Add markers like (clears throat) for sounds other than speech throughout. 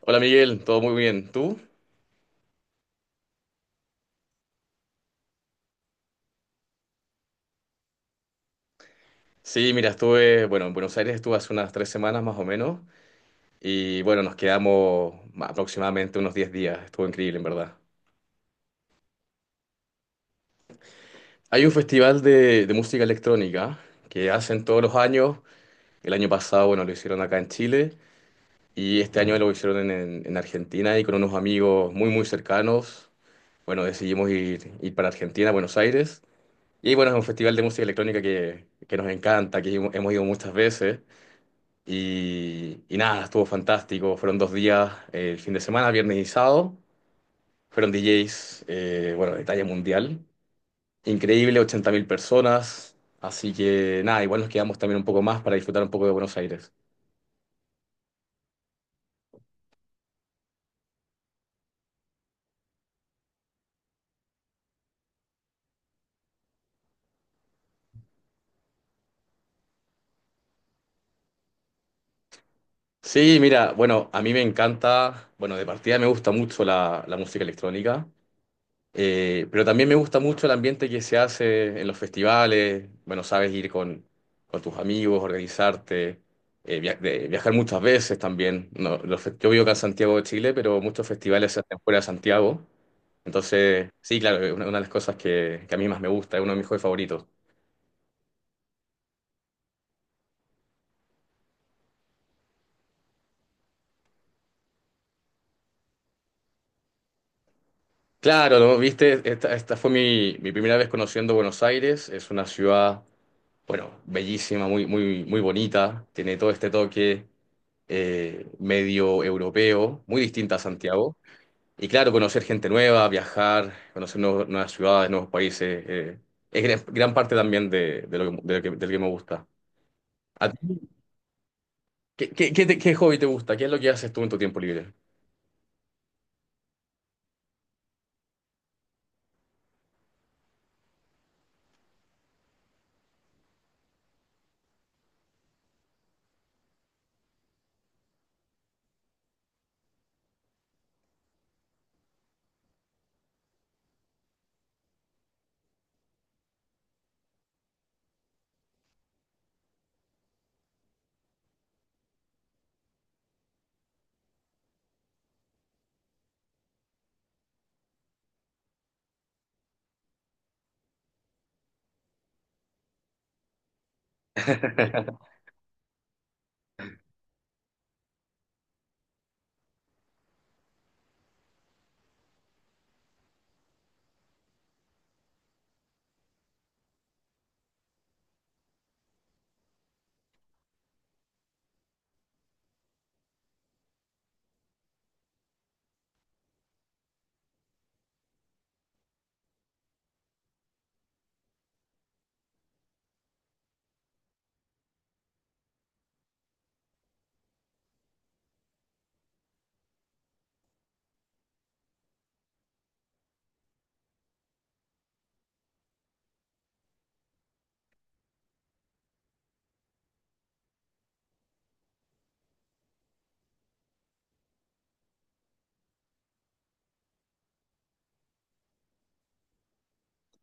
Hola Miguel, todo muy bien. ¿Tú? Sí, mira, estuve, bueno, en Buenos Aires estuve hace unas 3 semanas más o menos y bueno, nos quedamos aproximadamente unos 10 días. Estuvo increíble, en verdad. Hay un festival de música electrónica que hacen todos los años. El año pasado, bueno, lo hicieron acá en Chile y este año lo hicieron en Argentina y con unos amigos muy, muy cercanos. Bueno, decidimos ir para Argentina, Buenos Aires. Y bueno, es un festival de música electrónica que nos encanta, que hemos ido muchas veces. Y nada, estuvo fantástico. Fueron 2 días, el fin de semana, viernes y sábado. Fueron DJs, bueno, de talla mundial. Increíble, 80.000 personas. Así que nada, igual nos quedamos también un poco más para disfrutar un poco de Buenos Aires. Sí, mira, bueno, a mí me encanta, bueno, de partida me gusta mucho la música electrónica. Pero también me gusta mucho el ambiente que se hace en los festivales. Bueno, sabes, ir con tus amigos, organizarte, viajar muchas veces también. No, yo vivo acá en Santiago de Chile, pero muchos festivales se hacen fuera de Santiago. Entonces, sí, claro, es una de las cosas que a mí más me gusta, es uno de mis juegos favoritos. Claro, ¿no? Viste, esta fue mi primera vez conociendo Buenos Aires. Es una ciudad bueno, bellísima, muy, muy, muy bonita, tiene todo este toque medio europeo, muy distinta a Santiago. Y claro, conocer gente nueva, viajar, conocer nuevas ciudades, nuevos países, es gran, gran parte también del que me gusta. ¿A ti? ¿Qué hobby te gusta? ¿Qué es lo que haces tú en tu tiempo libre? (laughs)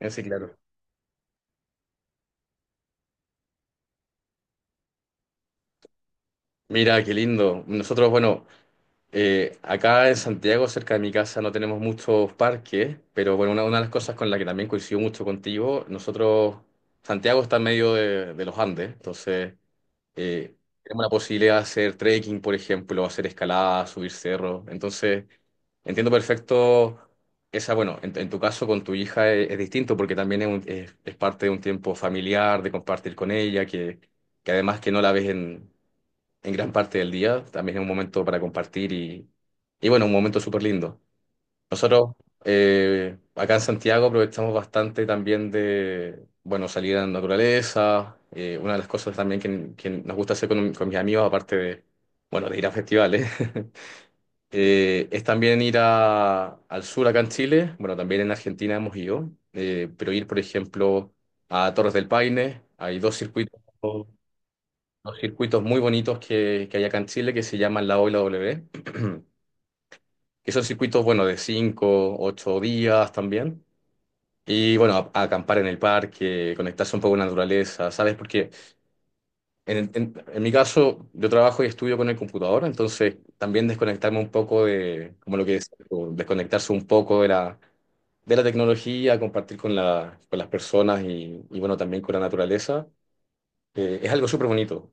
Sí, claro. Mira, qué lindo. Nosotros, bueno. Acá en Santiago, cerca de mi casa, no tenemos muchos parques, pero bueno, una de las cosas con la que también coincido mucho contigo, nosotros, Santiago está en medio de los Andes, entonces eh, tenemos la posibilidad de hacer trekking, por ejemplo, hacer escalada, subir cerros, entonces entiendo perfecto esa, bueno, en tu caso con tu hija es distinto porque también es, es parte de un tiempo familiar, de compartir con ella, que además que no la ves en gran parte del día. También es un momento para compartir y bueno, un momento súper lindo. Nosotros acá en Santiago aprovechamos bastante también de, bueno, salir a la naturaleza. Una de las cosas también que nos gusta hacer con mis amigos, aparte de, bueno, de ir a festivales, (laughs) es también al sur acá en Chile. Bueno, también en Argentina hemos ido, pero ir, por ejemplo, a Torres del Paine. Hay dos circuitos muy bonitos que hay acá en Chile que se llaman la O y la W, que son circuitos, bueno, de 5 u 8 días también. Y bueno, a acampar en el parque, conectarse un poco con la naturaleza, ¿sabes? Porque en mi caso, yo trabajo y estudio con el computador, entonces también desconectarme un poco de, como lo que es, o desconectarse un poco de la tecnología, compartir con, la, con las personas y bueno, también con la naturaleza, es algo súper bonito.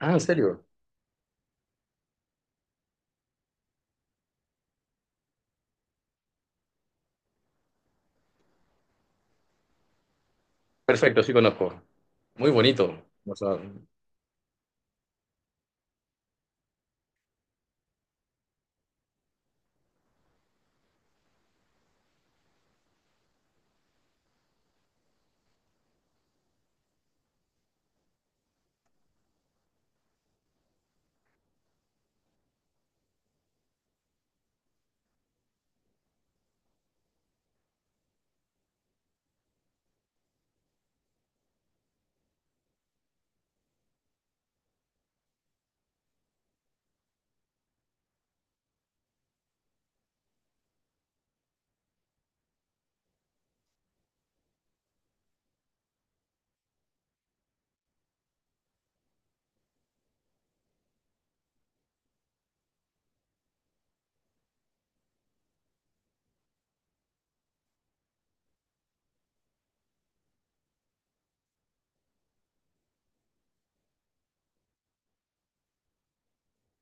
Ah, ¿en serio? Perfecto, sí conozco. Muy bonito. O sea,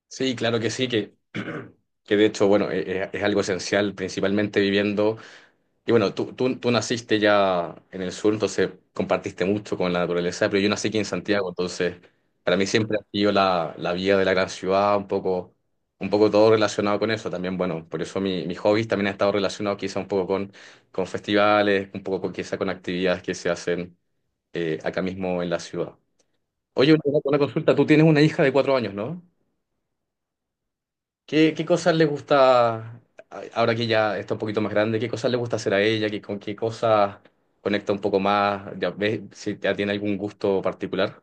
sí, claro que sí, (clears throat) que de hecho, bueno, es, algo esencial, principalmente viviendo. Y bueno, tú naciste ya en el sur, entonces compartiste mucho con la naturaleza, pero yo nací aquí en Santiago, entonces para mí siempre ha sido la vida de la gran ciudad, un poco todo relacionado con eso. También, bueno, por eso mis hobbies también han estado relacionados quizá un poco con festivales, un poco con, quizá con actividades que se hacen acá mismo en la ciudad. Oye, una consulta, tú tienes una hija de 4 años, ¿no? ¿Qué cosas le gusta, ahora que ya está un poquito más grande, qué cosas le gusta hacer a ella, con qué cosas conecta un poco más? ¿Ya ves si ya tiene algún gusto particular?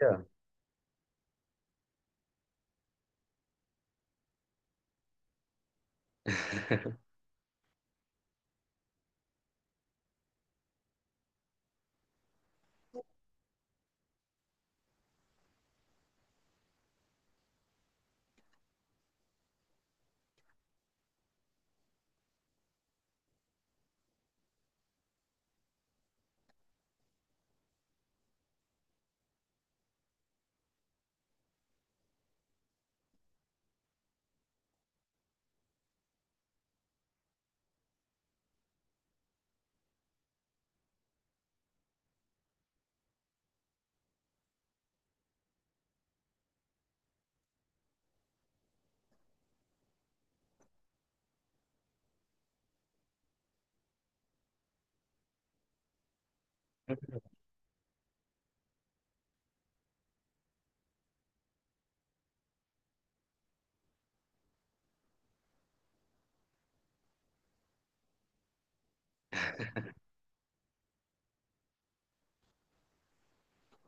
Ya.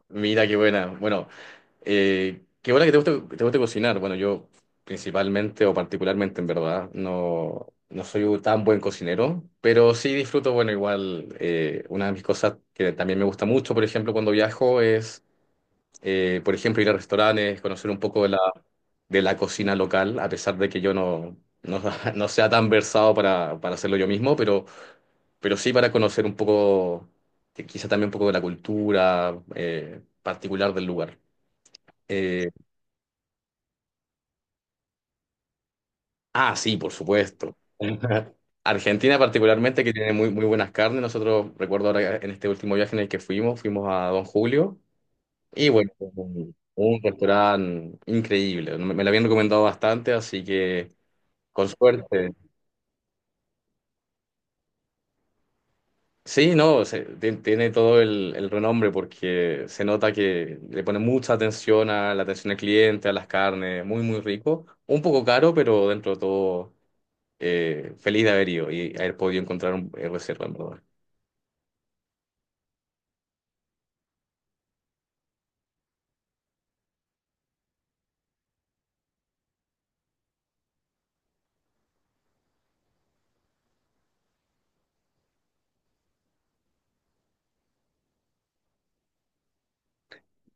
Mira, qué buena. Bueno, qué buena que te guste cocinar. Bueno, yo principalmente o particularmente, en verdad, no soy un tan buen cocinero, pero sí disfruto, bueno, igual, una de mis cosas que también me gusta mucho, por ejemplo, cuando viajo eh, por ejemplo, ir a restaurantes, conocer un poco de la, cocina local, a pesar de que yo no, (laughs) no sea tan versado para hacerlo yo mismo, pero sí para conocer un poco, quizá también un poco de la cultura particular del lugar. Eh, ah, sí, por supuesto. (laughs) Argentina particularmente, que tiene muy, muy buenas carnes. Nosotros, recuerdo ahora en este último viaje en el que fuimos, fuimos a Don Julio y bueno, un restaurante increíble. Me lo habían recomendado bastante, así que con suerte. Sí, no, tiene todo el renombre porque se nota que le pone mucha atención a la atención al cliente, a las carnes, muy, muy rico. Un poco caro, pero dentro de todo, feliz de haber ido y haber podido encontrar un reserva, en verdad.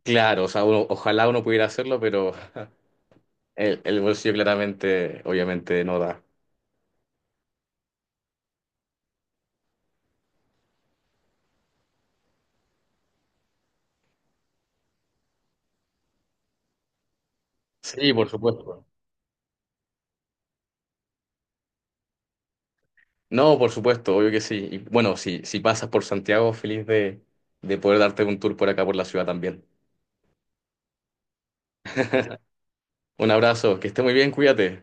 Claro, o sea, ojalá uno pudiera hacerlo, pero el bolsillo claramente, obviamente, no da. Sí, por supuesto. No, por supuesto, obvio que sí. Y bueno, si pasas por Santiago, feliz de poder darte un tour por acá, por la ciudad también. Un abrazo, que esté muy bien, cuídate.